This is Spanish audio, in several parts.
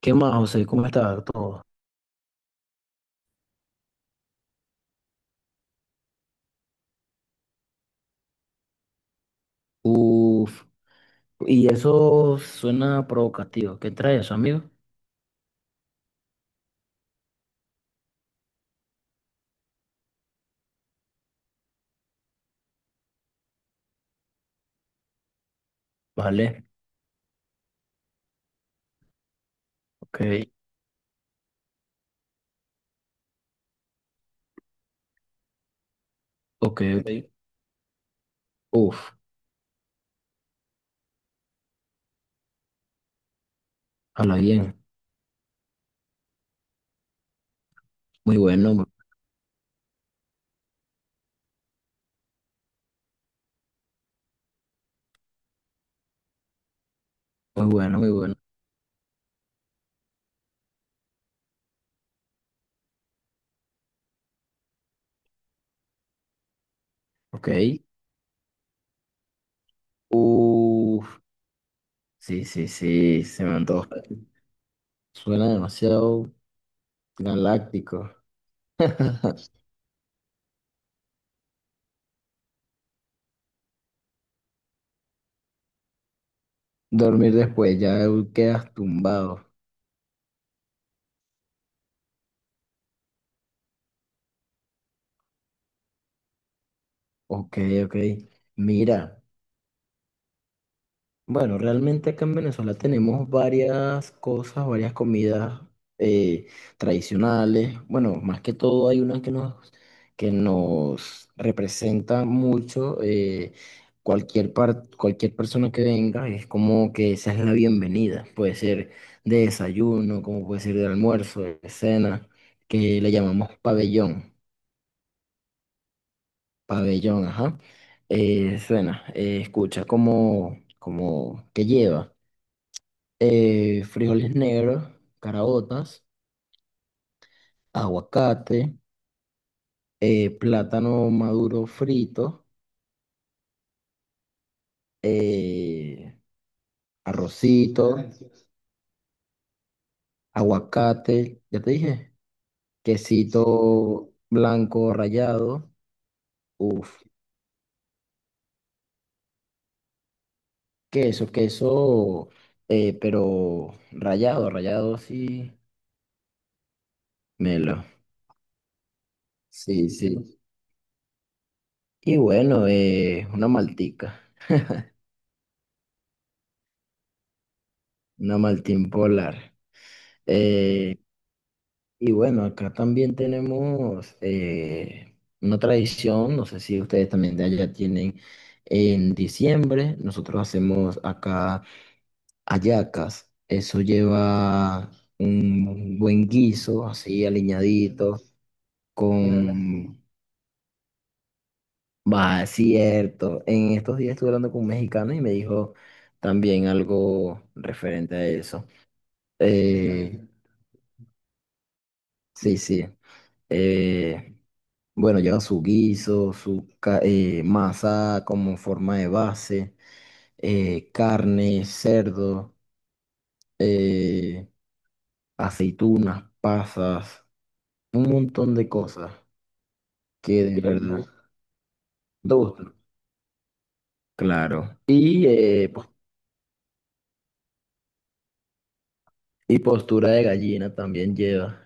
¿Qué más, José? ¿Cómo está todo? Uf, y eso suena provocativo. ¿Qué trae eso, amigo? Vale, ok, ok, ok. Uf, habla bien. Muy bueno, muy bueno, muy bueno. Ok. Uf, sí, sí, sí, se me antoja. Suena demasiado galáctico. Dormir después, ya quedas tumbado. Ok, ok. Mira. Bueno, realmente acá en Venezuela tenemos varias cosas, varias comidas eh, tradicionales. Bueno, más que todo hay unas que que nos representan mucho. Cualquier persona que venga es como que esa es la bienvenida. Puede ser de desayuno, como puede ser de almuerzo, de cena, que le llamamos pabellón. Pabellón, ajá. Suena, escucha como, como que lleva. Frijoles negros, caraotas, aguacate, plátano maduro frito, eh, arrocito, aguacate, ya te dije, quesito blanco rallado, uff, queso, queso, pero rallado, rallado así, melo, sí, sí. Y bueno, una maltica, una Maltín Polar. eh Y bueno, acá también tenemos una tradición, no sé si ustedes también de allá tienen, en diciembre nosotros hacemos acá hallacas, eso lleva un buen guiso, así aliñadito, con... Va, es cierto, en estos días estuve hablando con un mexicano y me dijo también algo referente a eso. Eh, Sí, sí. Eh, bueno, lleva su guiso, masa como forma de base, carne, cerdo, eh, aceitunas, pasas, un montón de cosas que de verdad te gustan. Claro. Y, y postura de gallina también lleva.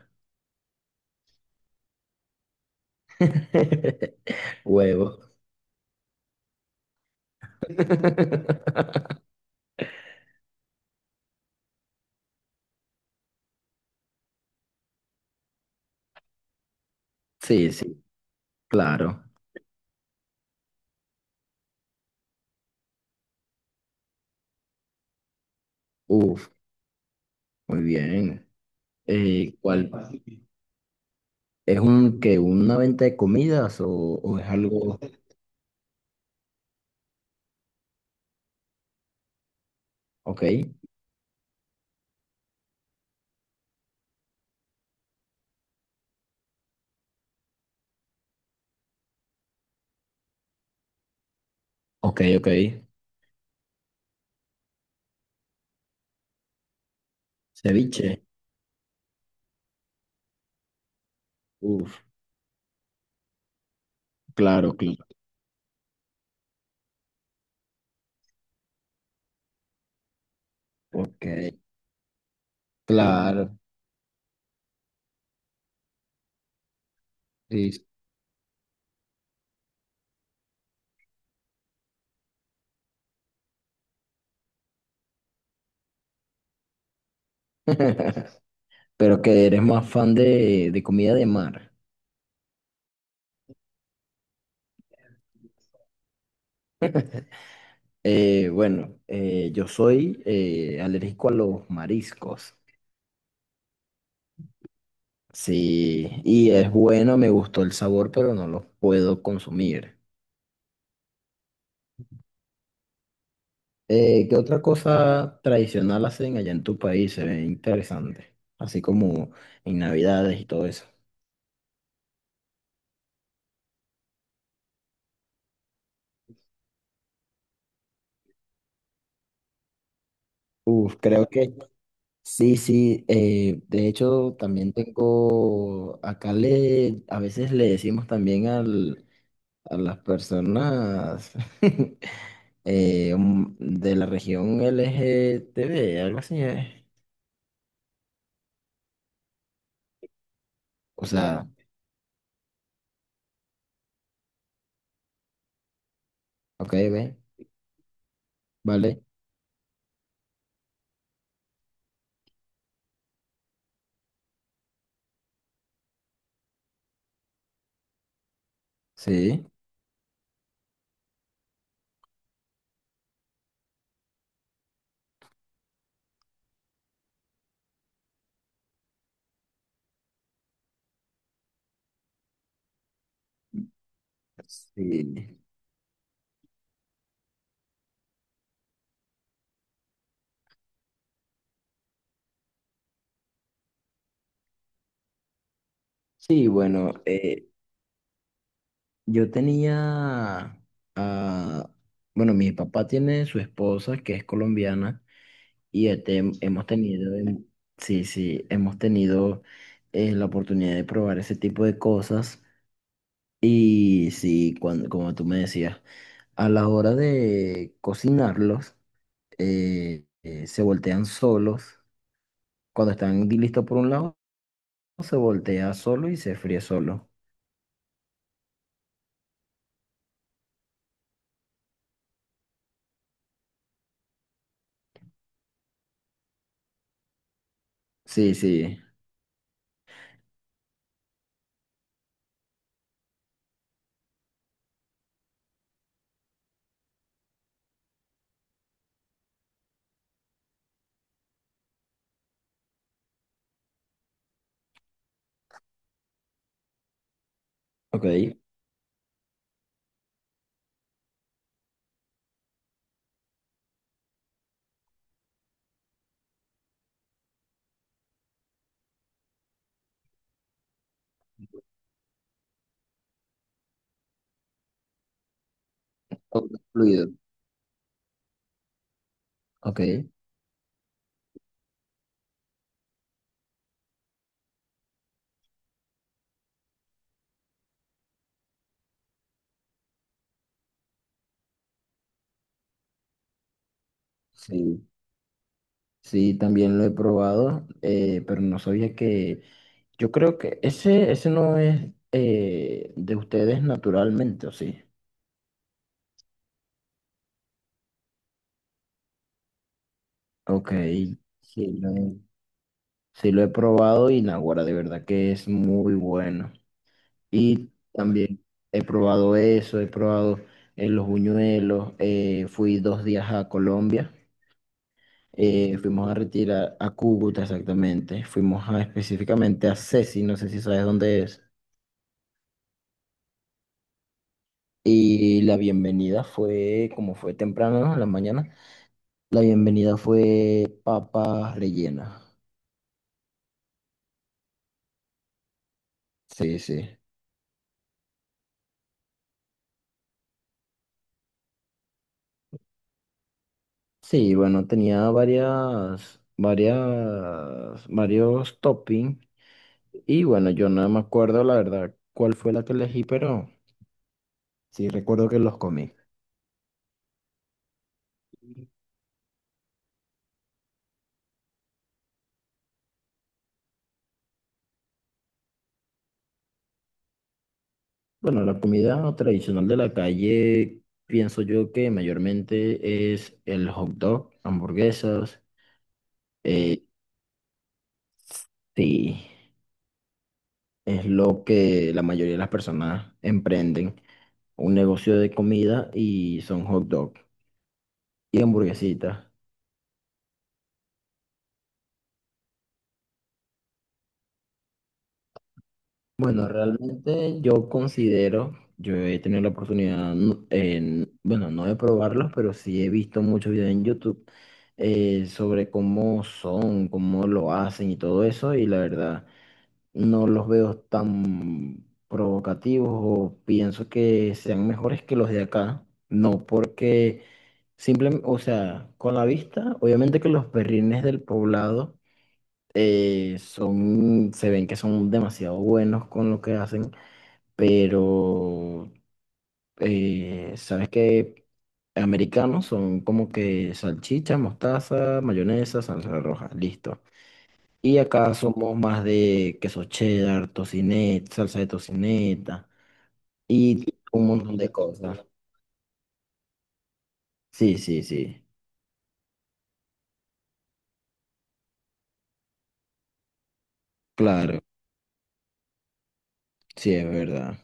Huevo. Sí, sí, claro. Uf, muy bien. ¿Cuál? ¿Es un que una venta de comidas o es algo? Ok, ok, ok. Ceviche. Uf, claro, claro. Ok, claro. Sí. Pero que eres más fan de comida de mar. Bueno, yo soy alérgico a los mariscos. Sí, y es bueno, me gustó el sabor, pero no los puedo consumir. ¿Qué otra cosa tradicional hacen allá en tu país? Se ve interesante, así como en Navidades y todo eso. Uf, creo que sí, sí. De hecho, también tengo, acá le, a veces le decimos también al, a las personas de la región LGTB algo así es. O sea, ok, ve, vale, sí. Sí, sí, bueno, yo tenía, ah, bueno, mi papá tiene su esposa que es colombiana y este, hemos tenido, sí, sí, hemos tenido la oportunidad de probar ese tipo de cosas y sí, cuando, como tú me decías, a la hora de cocinarlos, se voltean solos. Cuando están listos por un lado, se voltea solo y se fríe solo. Sí, sí, ok. Fluido, ok. Sí. Sí, también lo he probado, pero no sabía que... Yo creo que ese no es de ustedes naturalmente, ¿o sí? Ok, sí lo he, sí lo he probado y naguará, de verdad que es muy bueno. Y también he probado eso, he probado los buñuelos, fui 2 días a Colombia, fuimos a retirar a Cúcuta exactamente, fuimos a, específicamente a Ceci, no sé si sabes dónde es. Y la bienvenida fue, como fue temprano, ¿no? En la mañana, la bienvenida fue papas rellenas. Sí, sí. Sí, bueno, tenía varias, varias, varios toppings. Y bueno, yo no me acuerdo la verdad cuál fue la que elegí, pero sí recuerdo que los comí. Bueno, la comida tradicional de la calle, pienso yo que mayormente es el hot dog, hamburguesas. eh, sí. Es lo que la mayoría de las personas emprenden, un negocio de comida y son hot dog y hamburguesitas. Bueno, realmente yo considero, yo he tenido la oportunidad, bueno, no de probarlos, pero sí he visto muchos videos en YouTube sobre cómo son, cómo lo hacen y todo eso, y la verdad. No los veo tan provocativos o pienso que sean mejores que los de acá. No, porque simplemente, o sea, con la vista, obviamente que los perrines del poblado son, se ven que son demasiado buenos con lo que hacen, pero sabes que americanos son como que salchicha, mostaza, mayonesa, salsa roja, listo. Y acá somos más de queso cheddar, tocineta, salsa de tocineta y un montón de cosas. Sí, sí, sí. Claro, sí, es verdad.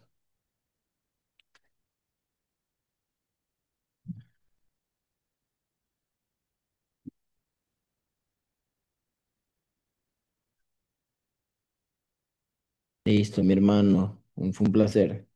Listo, mi hermano. Fue un placer.